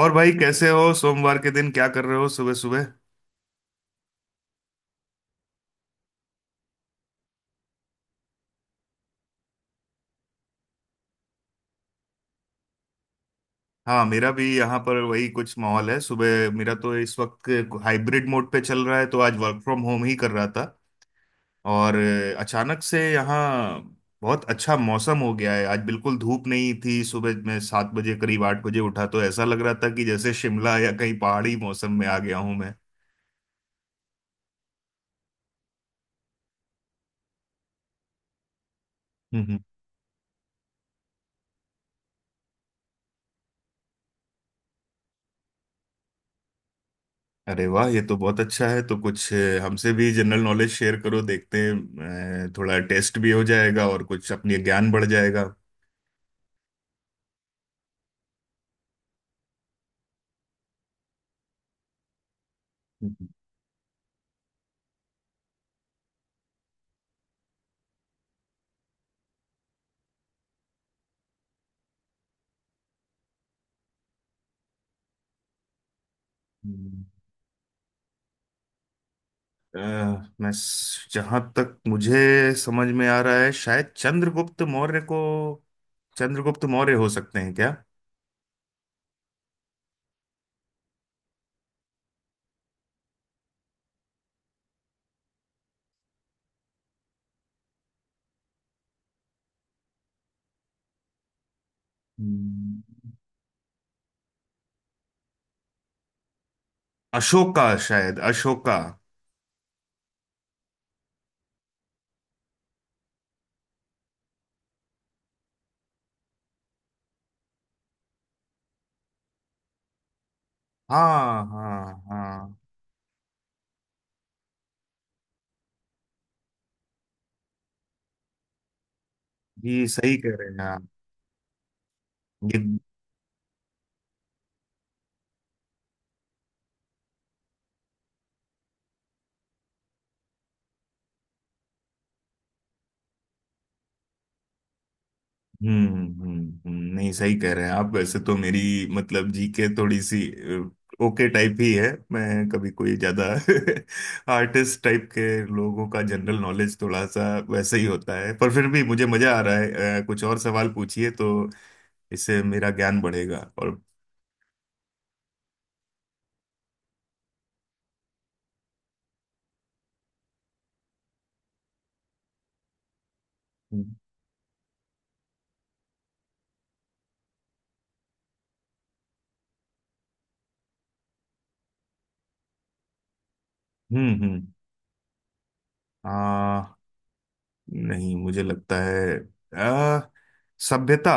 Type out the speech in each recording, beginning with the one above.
और भाई, कैसे हो? सोमवार के दिन क्या कर रहे हो सुबह सुबह? हाँ, मेरा भी यहाँ पर वही कुछ माहौल है। सुबह मेरा तो इस वक्त हाइब्रिड मोड पे चल रहा है, तो आज वर्क फ्रॉम होम ही कर रहा था। और अचानक से यहाँ बहुत अच्छा मौसम हो गया है। आज बिल्कुल धूप नहीं थी। सुबह मैं 7 बजे करीब 8 बजे उठा तो ऐसा लग रहा था कि जैसे शिमला या कहीं पहाड़ी मौसम में आ गया हूँ मैं। हम्म, हम्म। अरे वाह, ये तो बहुत अच्छा है। तो कुछ हमसे भी जनरल नॉलेज शेयर करो, देखते हैं। थोड़ा टेस्ट भी हो जाएगा और कुछ अपनी ज्ञान बढ़ जाएगा। हम्म। अ, मैं जहां तक मुझे समझ में आ रहा है, शायद चंद्रगुप्त मौर्य को, चंद्रगुप्त मौर्य हो सकते हैं क्या? हम्म, अशोका। शायद अशोका। हाँ हाँ हाँ, ये सही कह रहे हैं आप। ये हम्म हम्म। नहीं सही कह रहे हैं आप। वैसे तो मेरी मतलब जीके थोड़ी सी ओके टाइप ही है। मैं कभी कोई ज्यादा आर्टिस्ट टाइप के लोगों का जनरल नॉलेज थोड़ा सा वैसे ही होता है, पर फिर भी मुझे मजा आ रहा है। कुछ और सवाल पूछिए तो इससे मेरा ज्ञान बढ़ेगा और। हम्म। आ नहीं, मुझे लगता है आ, सभ्यता,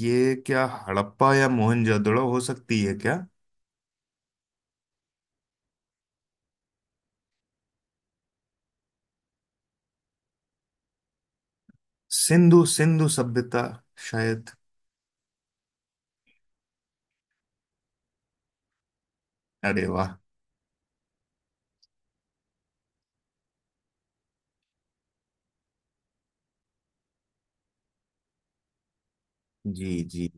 ये क्या हड़प्पा या मोहनजोदड़ो हो सकती है क्या? सिंधु सिंधु सभ्यता शायद। अरे वाह। जी जी।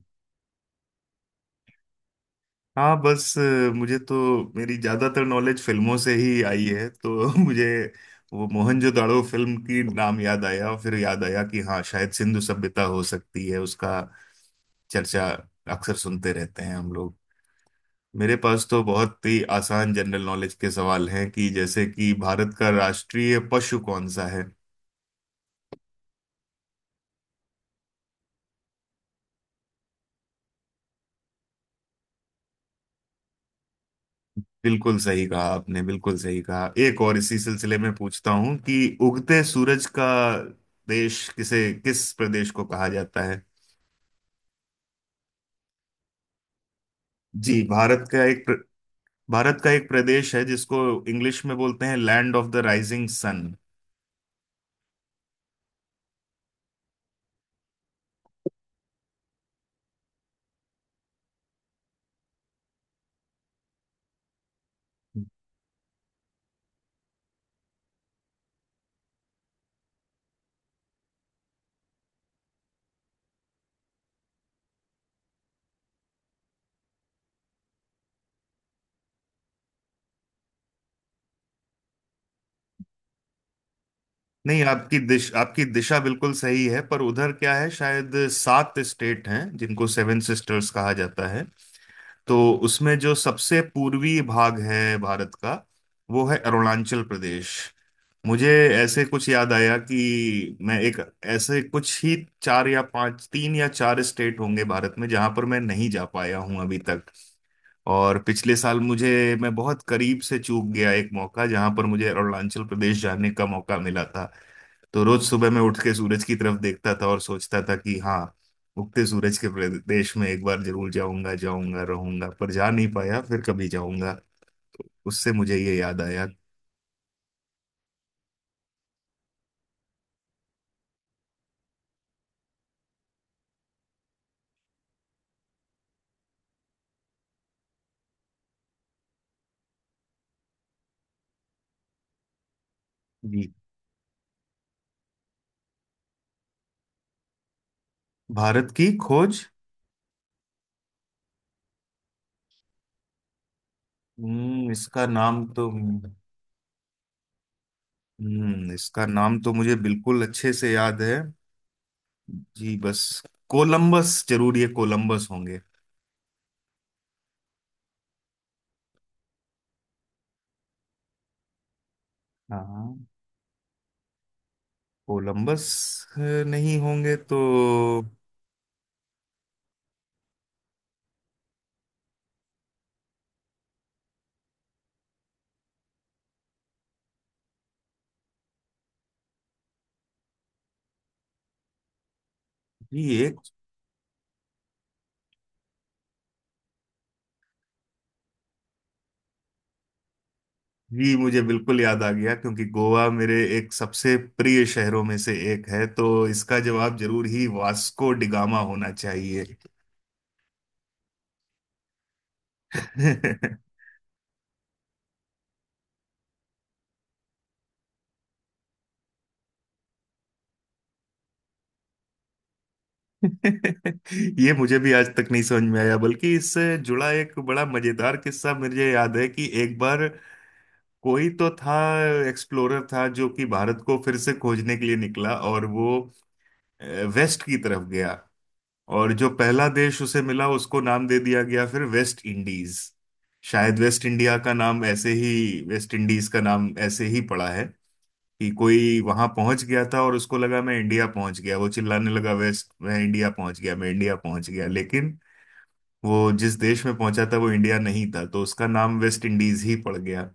हाँ बस, मुझे तो मेरी ज्यादातर नॉलेज फिल्मों से ही आई है, तो मुझे वो मोहनजोदाड़ो फिल्म की नाम याद आया और फिर याद आया कि हाँ, शायद सिंधु सभ्यता हो सकती है। उसका चर्चा अक्सर सुनते रहते हैं हम लोग। मेरे पास तो बहुत ही आसान जनरल नॉलेज के सवाल हैं, कि जैसे कि भारत का राष्ट्रीय पशु कौन सा है? बिल्कुल सही कहा आपने, बिल्कुल सही कहा। एक और इसी सिलसिले में पूछता हूं कि उगते सूरज का देश किस प्रदेश को कहा जाता है? जी, भारत का एक भारत का एक प्रदेश है जिसको इंग्लिश में बोलते हैं land of the rising sun. नहीं, आपकी दिशा बिल्कुल सही है, पर उधर क्या है, शायद सात स्टेट हैं जिनको सेवन सिस्टर्स कहा जाता है। तो उसमें जो सबसे पूर्वी भाग है भारत का, वो है अरुणाचल प्रदेश। मुझे ऐसे कुछ याद आया कि मैं एक ऐसे कुछ ही चार या पांच, तीन या चार स्टेट होंगे भारत में जहां पर मैं नहीं जा पाया हूं अभी तक। और पिछले साल मुझे मैं बहुत करीब से चूक गया एक मौका, जहां पर मुझे अरुणाचल प्रदेश जाने का मौका मिला था। तो रोज सुबह मैं उठ के सूरज की तरफ देखता था और सोचता था कि हाँ, उगते सूरज के प्रदेश में एक बार जरूर जाऊंगा जाऊंगा रहूंगा, पर जा नहीं पाया। फिर कभी जाऊंगा। तो उससे मुझे ये याद आया। जी, भारत की खोज। हम्म इसका नाम तो हम्म, इसका नाम तो मुझे बिल्कुल अच्छे से याद है। जी बस, कोलंबस, जरूर ये कोलंबस होंगे। हाँ, कोलंबस नहीं होंगे तो? ये एक जी, मुझे बिल्कुल याद आ गया, क्योंकि गोवा मेरे एक सबसे प्रिय शहरों में से एक है, तो इसका जवाब जरूर ही वास्को डिगामा होना चाहिए। ये मुझे भी आज तक नहीं समझ में आया। बल्कि इससे जुड़ा एक बड़ा मजेदार किस्सा मुझे याद है, कि एक बार कोई तो था एक्सप्लोरर था जो कि भारत को फिर से खोजने के लिए निकला, और वो अ, वेस्ट की तरफ गया। और जो पहला देश उसे मिला उसको नाम दे दिया गया फिर वेस्ट इंडीज। शायद वेस्ट इंडीज का नाम ऐसे ही पड़ा है कि कोई वहां पहुंच गया था और उसको लगा मैं इंडिया पहुंच गया। वो चिल्लाने लगा वेस्ट, मैं इंडिया पहुंच गया, मैं इंडिया पहुंच गया। लेकिन वो जिस देश में पहुंचा था, वो इंडिया नहीं था, तो उसका नाम वेस्ट इंडीज ही पड़ गया।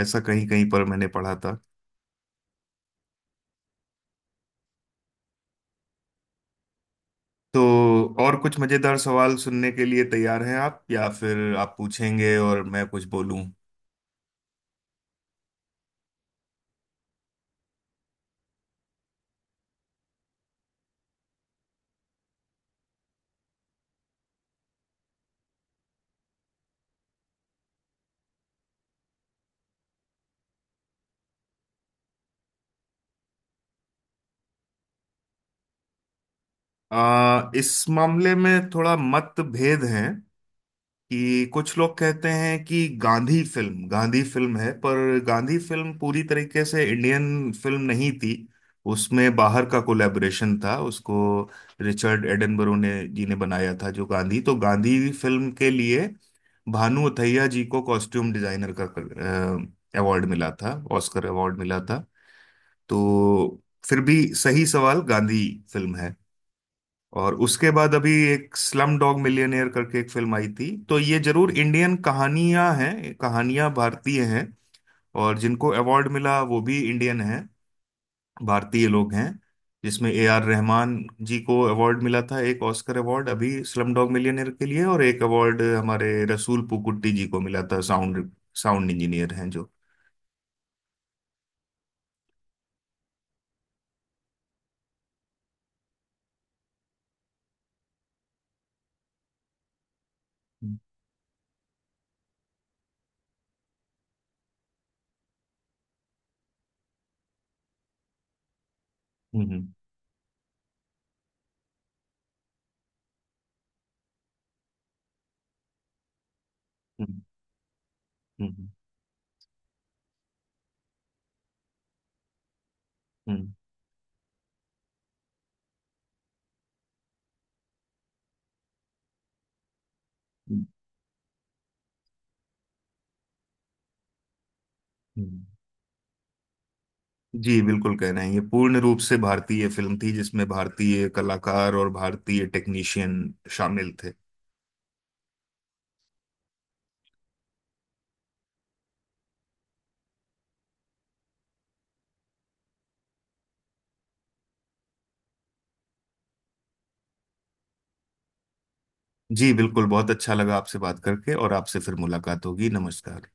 ऐसा कहीं कहीं पर मैंने पढ़ा था। तो और कुछ मजेदार सवाल सुनने के लिए तैयार हैं आप, या फिर आप पूछेंगे और मैं कुछ बोलूं? इस मामले में थोड़ा मतभेद है कि कुछ लोग कहते हैं कि गांधी फिल्म, गांधी फिल्म है पर गांधी फिल्म पूरी तरीके से इंडियन फिल्म नहीं थी। उसमें बाहर का कोलैबोरेशन था। उसको रिचर्ड एडनबरो ने जी ने बनाया था जो। गांधी तो गांधी फिल्म के लिए भानु अथैया जी को कॉस्ट्यूम डिजाइनर का अवार्ड मिला था ऑस्कर अवार्ड मिला था। तो फिर भी सही सवाल गांधी फिल्म है। और उसके बाद अभी एक स्लम डॉग मिलियनेयर करके एक फिल्म आई थी, तो ये जरूर इंडियन कहानियां हैं, कहानियां भारतीय हैं। और जिनको अवार्ड मिला वो भी इंडियन हैं, भारतीय लोग हैं। जिसमें A R रहमान जी को अवार्ड मिला था, एक ऑस्कर अवार्ड, अभी स्लम डॉग मिलियनेयर के लिए। और एक अवार्ड हमारे रसूल पुकुट्टी जी को मिला था, साउंड साउंड इंजीनियर हैं जो। हम्म हम्म हम्म हम्म हम्म हम्म, हम्म, हम्म। जी बिल्कुल कह रहे हैं, ये पूर्ण रूप से भारतीय फिल्म थी जिसमें भारतीय कलाकार और भारतीय टेक्नीशियन शामिल थे। जी बिल्कुल, बहुत अच्छा लगा आपसे बात करके, और आपसे फिर मुलाकात होगी। नमस्कार।